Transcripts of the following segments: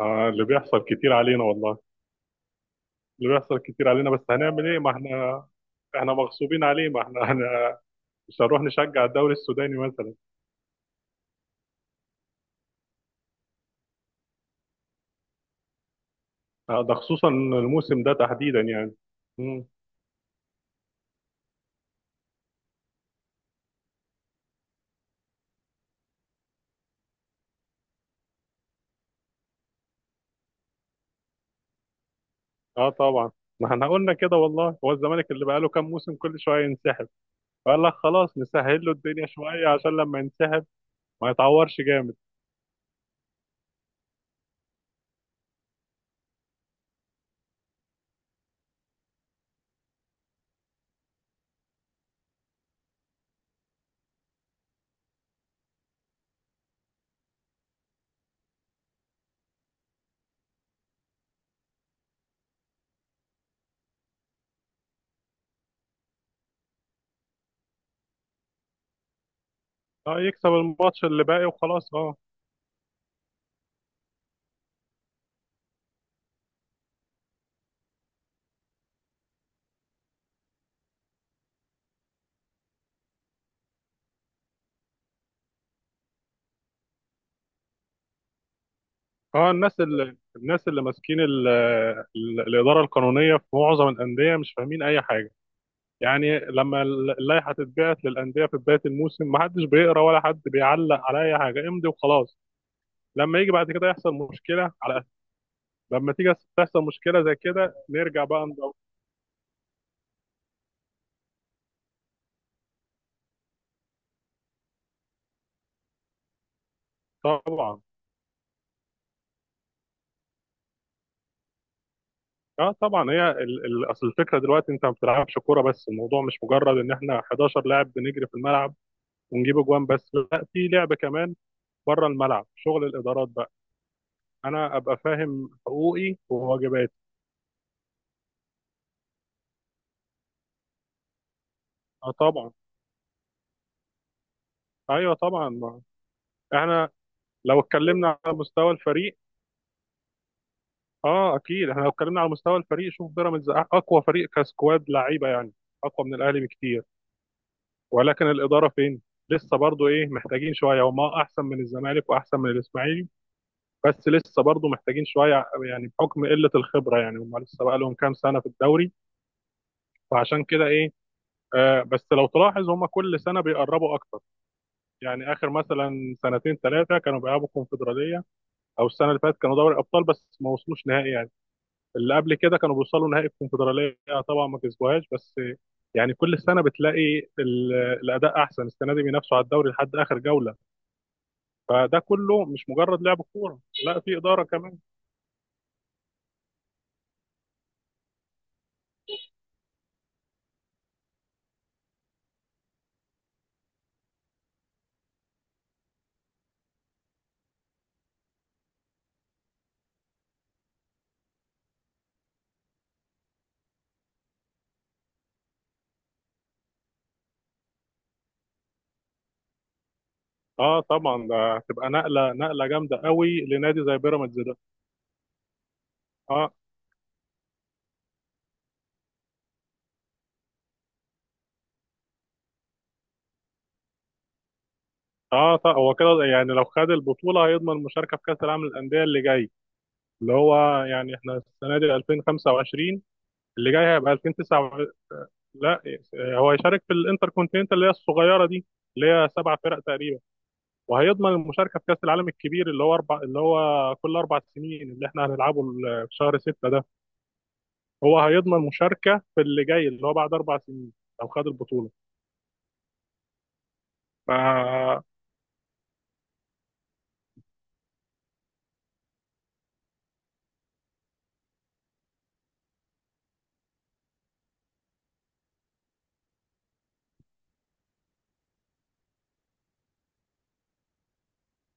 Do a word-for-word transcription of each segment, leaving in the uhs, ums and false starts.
آه، اللي بيحصل كتير علينا والله. اللي بيحصل كتير علينا، بس هنعمل ايه؟ ما احنا احنا مغصوبين عليه. ما احنا هن- مش هنروح نشجع الدوري السوداني مثلا. آه، ده خصوصا الموسم ده تحديدا يعني. مم. اه، طبعا. ما احنا قلنا كده والله، هو الزمالك اللي بقاله كام موسم كل شويه ينسحب. قال لك خلاص نسهل له الدنيا شويه عشان لما ينسحب ما يتعورش جامد. اه، يكسب الماتش اللي باقي وخلاص، اه. اه الناس اللي الناس اللي ماسكين ال- ال- الاداره القانونيه في معظم الانديه مش فاهمين اي حاجه. يعني لما اللائحه تتبعت للانديه في بدايه الموسم، ما حدش بيقرا ولا حد بيعلق على اي حاجه، امضي وخلاص. لما يجي بعد كده يحصل مشكله على أساس، لما تيجي تحصل مشكله زي كده نرجع بقى ندور. طبعا. اه طبعا، هي ال- ال- اصل الفكره دلوقتي انت ما بتلعبش كوره. بس الموضوع مش مجرد ان احنا حداشر لاعب بنجري في الملعب ونجيب اجوان، بس لا، في لعب كمان بره الملعب، شغل الادارات بقى. انا ابقى فاهم حقوقي وواجباتي. اه طبعا. ايوه طبعا. ما احنا لو اتكلمنا على مستوى الفريق، اه اكيد، احنا لو اتكلمنا على مستوى الفريق، شوف بيراميدز أ- اقوى فريق كسكواد لعيبه، يعني اقوى من الاهلي بكتير. ولكن الاداره فين؟ لسه برضو ايه، محتاجين شويه. هما احسن من الزمالك واحسن من الاسماعيلي، بس لسه برضو محتاجين شويه، يعني بحكم قله الخبره. يعني هما لسه بقى لهم كام سنه في الدوري، فعشان كده ايه، آه، بس لو تلاحظ هما كل سنه بيقربوا اكتر. يعني اخر مثلا سنتين ثلاثه كانوا بيلعبوا كونفدراليه، او السنه اللي فاتت كانوا دوري ابطال بس ما وصلوش نهائي يعني، اللي قبل كده كانوا بيوصلوا نهائي الكونفدراليه، طبعا ما كسبوهاش، بس يعني كل سنه بتلاقي ال- الاداء احسن. السنه دي بينافسوا على الدوري لحد اخر جوله، فده كله مش مجرد لعب كوره، لا، في اداره كمان. اه طبعا، ده هتبقى نقله نقله جامده قوي لنادي زي بيراميدز ده. اه. اه طبعا، هو كده يعني لو خد البطوله هيضمن المشاركه في كاس العالم للانديه اللي جاي، اللي هو يعني احنا السنه دي ألفين وخمسة وعشرين، اللي جاي هيبقى ألفين وتسعة وعشرين. لا، هو هيشارك في الانتر كونتيننتال اللي هي الصغيره دي، اللي هي سبع فرق تقريبا، وهيضمن المشاركه في كاس العالم الكبير اللي هو اربع، اللي هو كل اربع سنين اللي احنا هنلعبه ال- في شهر ستة ده. هو هيضمن مشاركه في اللي جاي اللي هو بعد اربع سنين لو خد البطوله. ف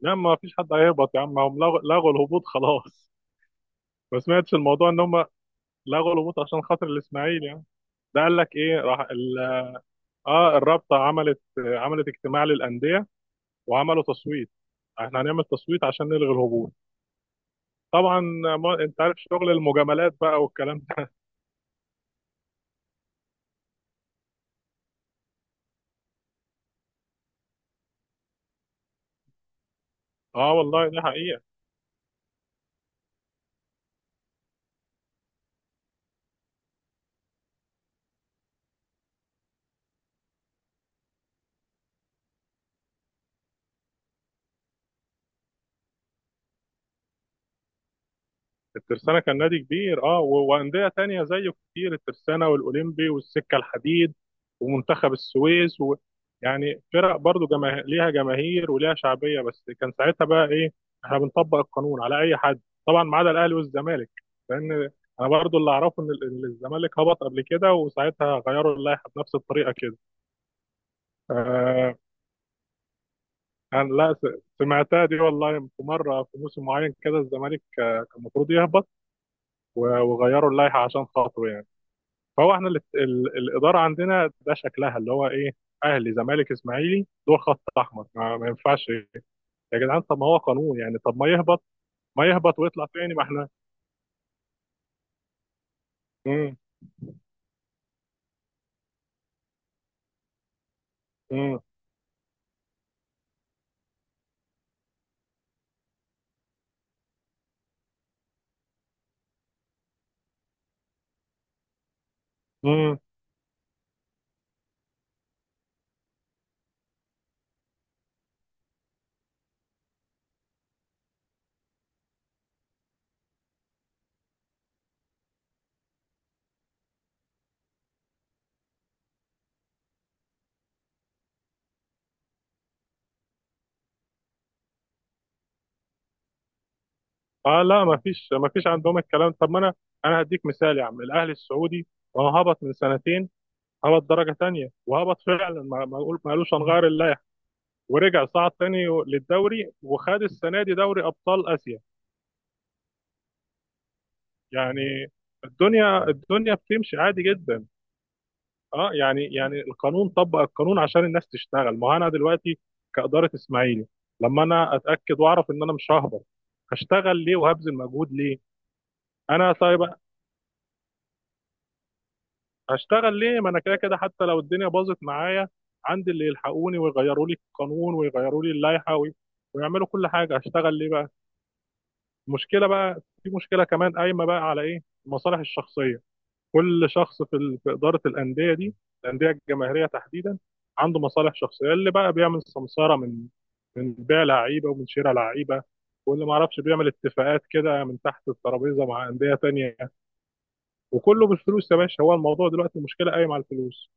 لا، ما فيش حد هيهبط يا عم، هم لغوا لغوا الهبوط خلاص. ما سمعتش الموضوع ان هم لغوا الهبوط عشان خاطر الاسماعيلي يعني؟ ده قال لك ايه، راح ال... اه، الرابطه عملت عملت اجتماع للانديه وعملوا تصويت. احنا هنعمل تصويت عشان نلغي الهبوط، طبعا. ما انت عارف شغل المجاملات بقى والكلام ده. اه، والله دي حقيقه. الترسانه كان نادي كبير، اه، و- وانديه تانية زيه كتير، الترسانه والاولمبي والسكه الحديد ومنتخب السويس و... يعني فرق برضو جماه... ليها جماهير وليها شعبيه، بس كان ساعتها بقى ايه، احنا بنطبق القانون على اي حد، طبعا ما عدا الاهلي والزمالك. لان انا برضو اللي اعرفه ان ال- الزمالك هبط قبل كده وساعتها غيروا اللائحه بنفس الطريقه كده. آه، انا لا س- سمعتها دي والله، في مره في موسم معين كده الزمالك آه، كان المفروض يهبط، و- وغيروا اللائحه عشان خاطره يعني. فهو احنا اللي ال- الاداره عندنا ده شكلها اللي هو ايه، اهلي زمالك اسماعيلي دول خط احمر، ما, ما ينفعش. يا جدعان، طب ما هو قانون يعني، طب ما يهبط، ما يهبط ويطلع تاني. ما احنا امم امم امم اه لا، ما فيش ما فيش عندهم الكلام. طب ما انا، انا هديك مثال يا عم، الاهلي السعودي ما هو هبط من سنتين، هبط درجه تانيه وهبط فعلا. ما ما قول- ما قالوش هنغير، ورجع صعد تاني للدوري وخد السنه دي دوري ابطال اسيا. يعني الدنيا الدنيا بتمشي عادي جدا. اه يعني، يعني القانون طبق القانون عشان الناس تشتغل. ما هو انا دلوقتي كاداره اسماعيلي، لما انا اتاكد واعرف ان انا مش ههبط، هشتغل ليه وهبذل مجهود ليه؟ انا طيب هشتغل ليه؟ ما انا كده كده حتى لو الدنيا باظت معايا، عندي اللي يلحقوني ويغيروا لي القانون ويغيروا لي اللائحه وي- ويعملوا كل حاجه، هشتغل ليه بقى؟ مشكله بقى، في مشكله كمان قايمه بقى على ايه، المصالح الشخصيه. كل شخص في ال- في اداره الانديه دي، الانديه الجماهيريه تحديدا، عنده مصالح شخصيه، اللي بقى بيعمل سمساره من من بيع لعيبه ومن شراء لعيبه، واللي ما اعرفش بيعمل اتفاقات كده من تحت الترابيزه مع انديه تانية، وكله بالفلوس يا باشا. هو الموضوع دلوقتي المشكله قايمه على الفلوس.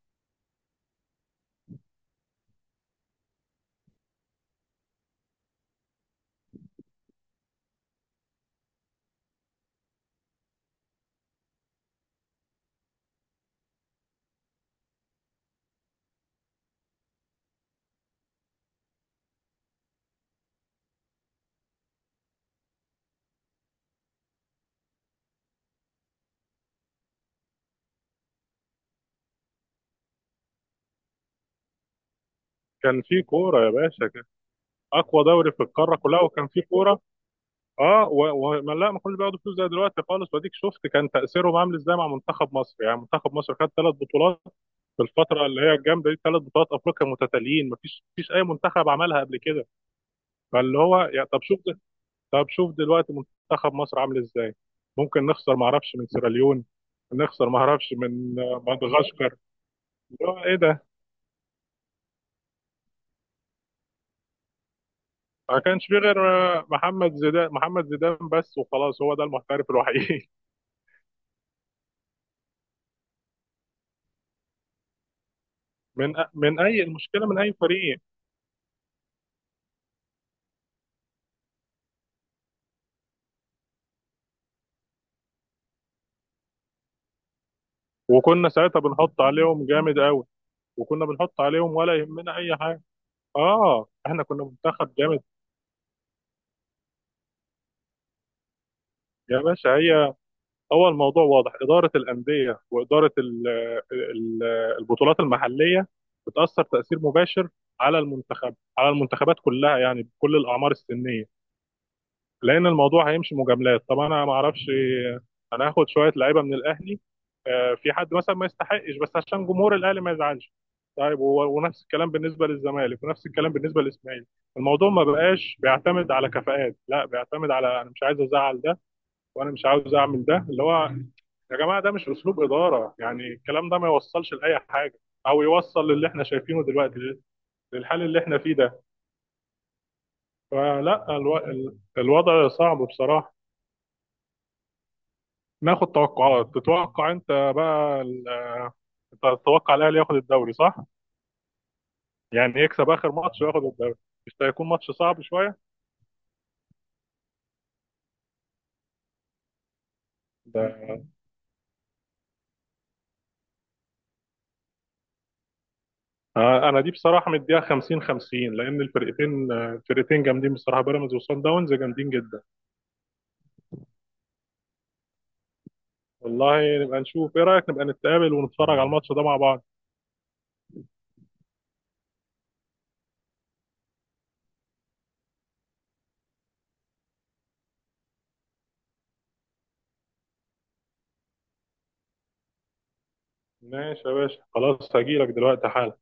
كان في كوره يا باشا، كان اقوى دوري في القاره كلها وكان في كوره. اه و... و... ما لا، ما كانوش بياخدوا فلوس زي دلوقتي خالص. واديك شفت كان تاثيرهم عامل ازاي مع منتخب مصر، يعني منتخب مصر خد ثلاث بطولات في الفتره اللي هي الجامده دي، ثلاث بطولات افريقيا متتاليين، ما فيش فيش اي منتخب عملها قبل كده. فاللي هو يعني، طب شوف ده... طب شوف دلوقتي منتخب مصر عامل ازاي، ممكن نخسر ما اعرفش من سيراليون، نخسر ما اعرفش من آه، مدغشقر. اللي هو ايه ده، ما كانش في غير آه، محمد زيدان، محمد زيدان بس وخلاص، هو ده المحترف الوحيد. من من اي المشكله من اي فريق. وكنا ساعتها بنحط عليهم جامد قوي، وكنا بنحط عليهم ولا يهمنا اي حاجه. اه، احنا كنا منتخب جامد. يا باشا، هي هو الموضوع واضح، اداره الانديه واداره ال ال البطولات المحليه بتاثر تاثير مباشر على المنتخب، على المنتخبات كلها، يعني بكل الاعمار السنيه. لان الموضوع هيمشي مجاملات، طب انا ما اعرفش، انا هاخد شويه لعيبه من الاهلي آه، في حد مثلا ما يستحقش بس عشان جمهور الاهلي ما يزعلش، طيب و- ونفس الكلام بالنسبه للزمالك، ونفس الكلام بالنسبه للاسماعيلي. الموضوع ما بقاش بيعتمد على كفاءات، لا، بيعتمد على انا مش عايز ازعل ده، وانا مش عاوز اعمل ده. اللي هو يا جماعه، ده مش اسلوب اداره يعني، الكلام ده ما يوصلش لاي حاجه، او يوصل للي احنا شايفينه دلوقتي، للحال اللي احنا فيه ده. فلا الو... ال- الوضع صعب بصراحه. ناخد توقعات، تتوقع انت بقى ال- آه، انت تتوقع الاهلي ياخد الدوري، صح؟ يعني يكسب اخر ماتش وياخد الدوري، مش ده هيكون ماتش صعب شويه؟ ده آه، انا دي بصراحه مديها خمسين خمسين، لان الفرقتين آه، الفرقتين جامدين بصراحه، بيراميدز وصن داونز جامدين جدا. والله نبقى نشوف، ايه رايك نبقى نتقابل ونتفرج على الماتش ده مع بعض؟ ماشي يا باشا، خلاص هجيلك دلوقتي حالا.